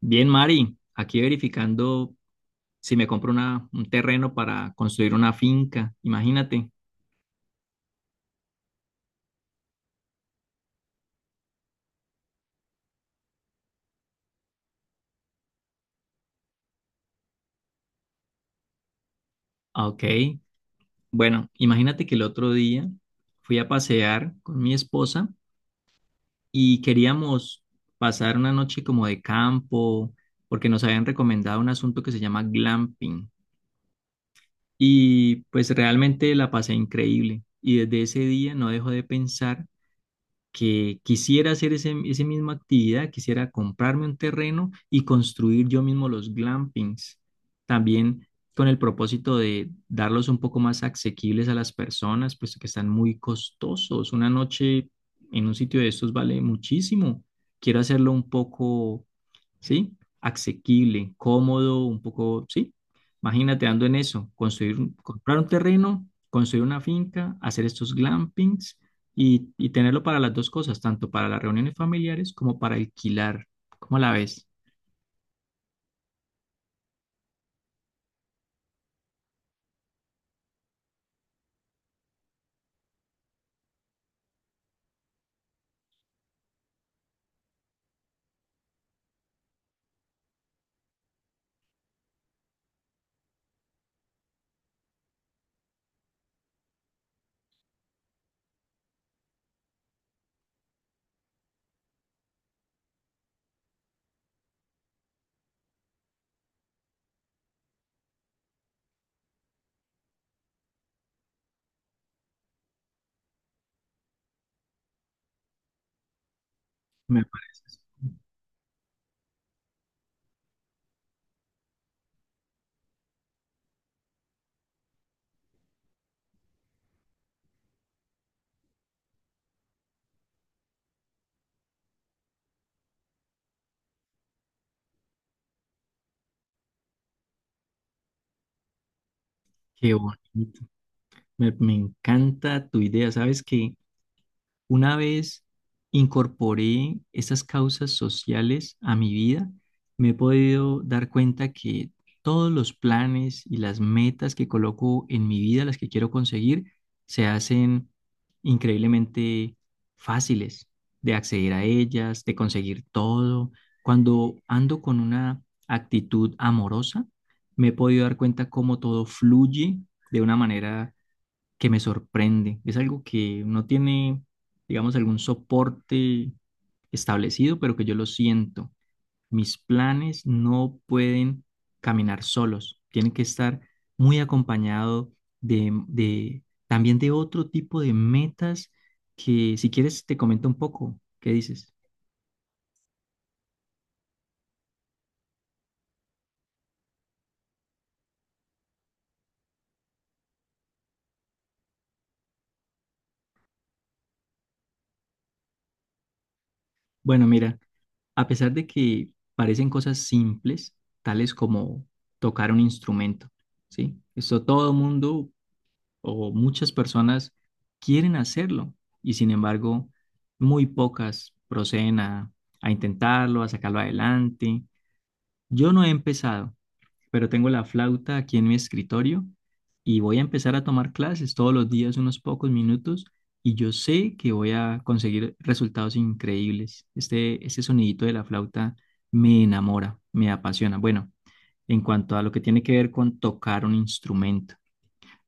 Bien, Mari, aquí verificando si me compro un terreno para construir una finca, imagínate. Ok, bueno, imagínate que el otro día fui a pasear con mi esposa y queríamos pasar una noche como de campo, porque nos habían recomendado un asunto que se llama glamping. Y pues realmente la pasé increíble. Y desde ese día no dejo de pensar que quisiera hacer esa misma actividad, quisiera comprarme un terreno y construir yo mismo los glampings, también con el propósito de darlos un poco más asequibles a las personas, puesto que están muy costosos. Una noche en un sitio de estos vale muchísimo. Quiero hacerlo un poco, ¿sí? Asequible, cómodo, un poco, ¿sí? Imagínate ando en eso, construir, comprar un terreno, construir una finca, hacer estos glampings y tenerlo para las dos cosas, tanto para las reuniones familiares como para alquilar. ¿Cómo la ves? Me parece. Qué bonito. Me encanta tu idea. ¿Sabes que una vez incorporé esas causas sociales a mi vida, me he podido dar cuenta que todos los planes y las metas que coloco en mi vida, las que quiero conseguir, se hacen increíblemente fáciles de acceder a ellas, de conseguir todo? Cuando ando con una actitud amorosa, me he podido dar cuenta cómo todo fluye de una manera que me sorprende. Es algo que no tiene, digamos, algún soporte establecido, pero que yo lo siento. Mis planes no pueden caminar solos, tienen que estar muy acompañado de, también de otro tipo de metas que si quieres te comento un poco, ¿qué dices? Bueno, mira, a pesar de que parecen cosas simples, tales como tocar un instrumento, ¿sí? Esto todo mundo o muchas personas quieren hacerlo y sin embargo muy pocas proceden a intentarlo, a sacarlo adelante. Yo no he empezado, pero tengo la flauta aquí en mi escritorio y voy a empezar a tomar clases todos los días unos pocos minutos y yo sé que voy a conseguir resultados increíbles. Este sonidito de la flauta me enamora, me apasiona. Bueno, en cuanto a lo que tiene que ver con tocar un instrumento,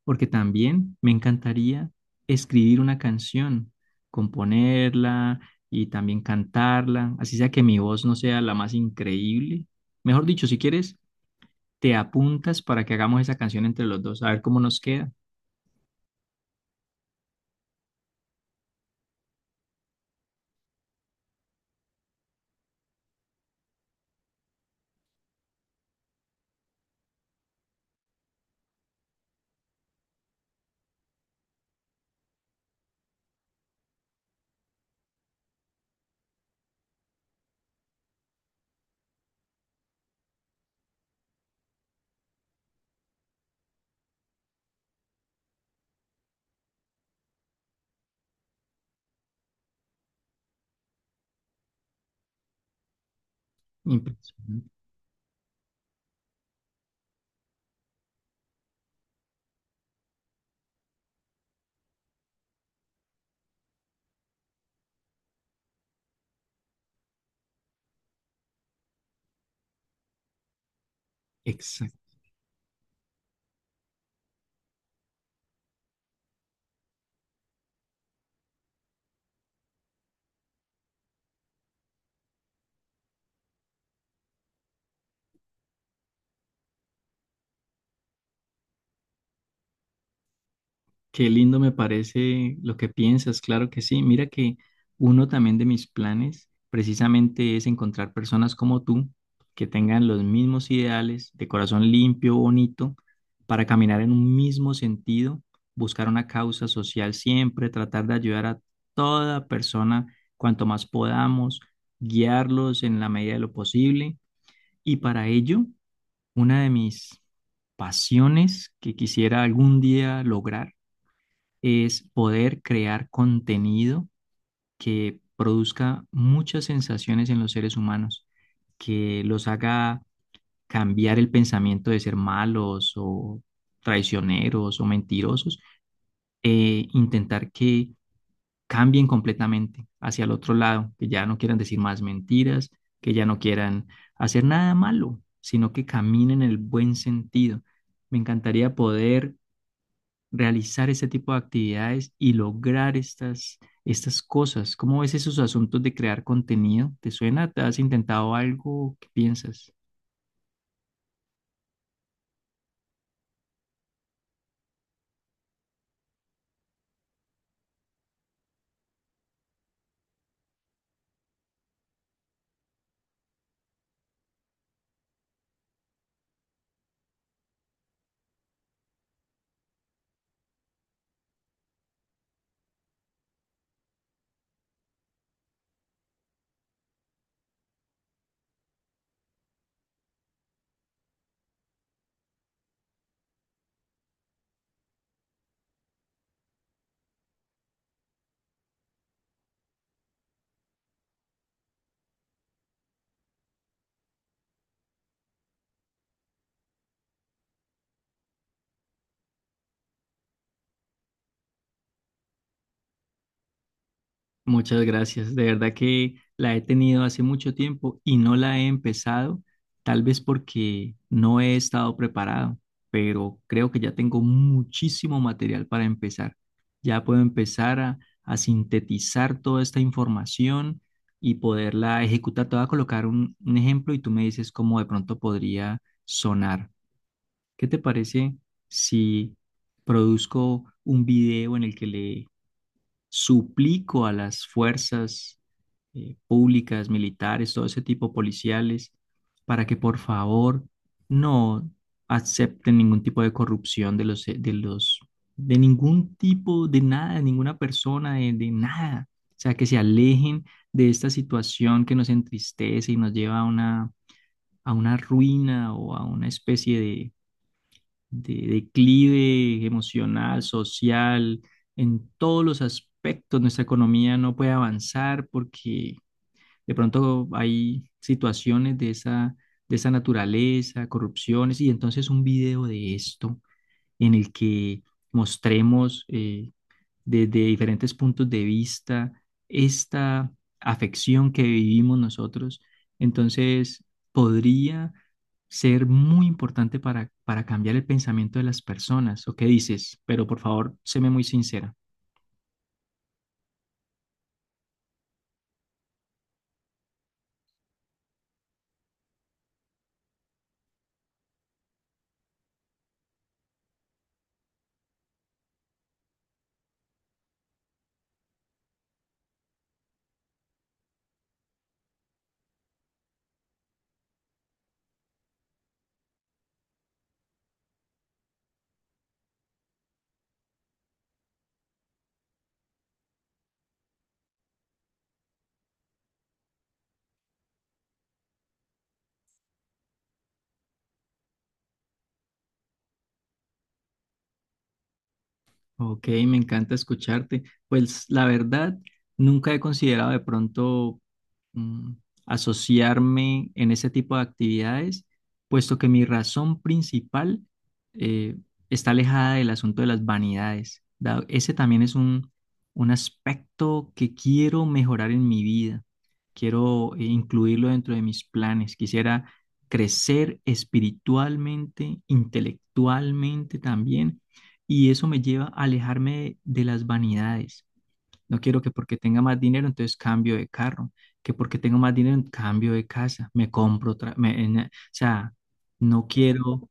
porque también me encantaría escribir una canción, componerla y también cantarla, así sea que mi voz no sea la más increíble. Mejor dicho, si quieres, te apuntas para que hagamos esa canción entre los dos, a ver cómo nos queda. Impresionante. Exacto. Qué lindo me parece lo que piensas, claro que sí. Mira que uno también de mis planes precisamente es encontrar personas como tú que tengan los mismos ideales, de corazón limpio, bonito, para caminar en un mismo sentido, buscar una causa social siempre, tratar de ayudar a toda persona cuanto más podamos, guiarlos en la medida de lo posible. Y para ello, una de mis pasiones que quisiera algún día lograr es poder crear contenido que produzca muchas sensaciones en los seres humanos, que los haga cambiar el pensamiento de ser malos o traicioneros o mentirosos, e intentar que cambien completamente hacia el otro lado, que ya no quieran decir más mentiras, que ya no quieran hacer nada malo, sino que caminen en el buen sentido. Me encantaría poder realizar ese tipo de actividades y lograr estas cosas. ¿Cómo ves esos asuntos de crear contenido? ¿Te suena? ¿Te has intentado algo? ¿Qué piensas? Muchas gracias. De verdad que la he tenido hace mucho tiempo y no la he empezado, tal vez porque no he estado preparado, pero creo que ya tengo muchísimo material para empezar. Ya puedo empezar a sintetizar toda esta información y poderla ejecutar. Te voy a colocar un ejemplo y tú me dices cómo de pronto podría sonar. ¿Qué te parece si produzco un video en el que le suplico a las fuerzas públicas, militares, todo ese tipo policiales, para que por favor no acepten ningún tipo de corrupción de ningún tipo, de nada, de ninguna persona, de nada? O sea, que se alejen de esta situación que nos entristece y nos lleva a una ruina o a una especie de declive emocional, social, en todos los aspectos. Nuestra economía no puede avanzar porque de pronto hay situaciones de de esa naturaleza, corrupciones, y entonces un video de esto en el que mostremos desde diferentes puntos de vista esta afección que vivimos nosotros, entonces podría ser muy importante para cambiar el pensamiento de las personas. ¿O qué dices? Pero por favor, séme muy sincera. Ok, me encanta escucharte. Pues la verdad, nunca he considerado de pronto mm, asociarme en ese tipo de actividades, puesto que mi razón principal eh, está alejada del asunto de las vanidades. Ese también es un aspecto que quiero mejorar en mi vida. Quiero incluirlo dentro de mis planes. Quisiera crecer espiritualmente, intelectualmente también y eso me lleva a alejarme de las vanidades. No quiero que porque tenga más dinero, entonces cambio de carro, que porque tengo más dinero, cambio de casa, me compro otra, o sea, no quiero,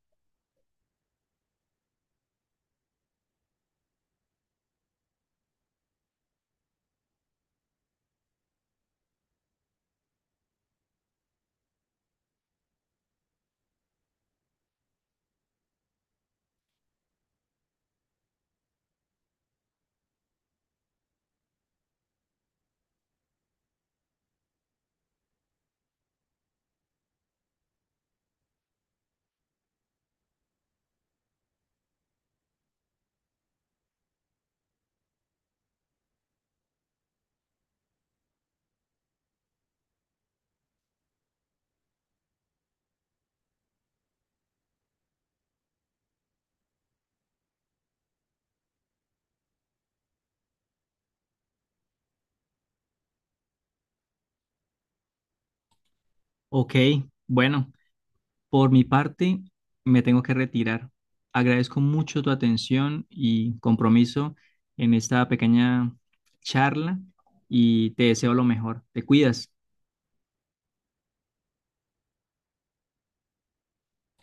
ok, bueno, por mi parte, me tengo que retirar. Agradezco mucho tu atención y compromiso en esta pequeña charla y te deseo lo mejor. Te cuidas.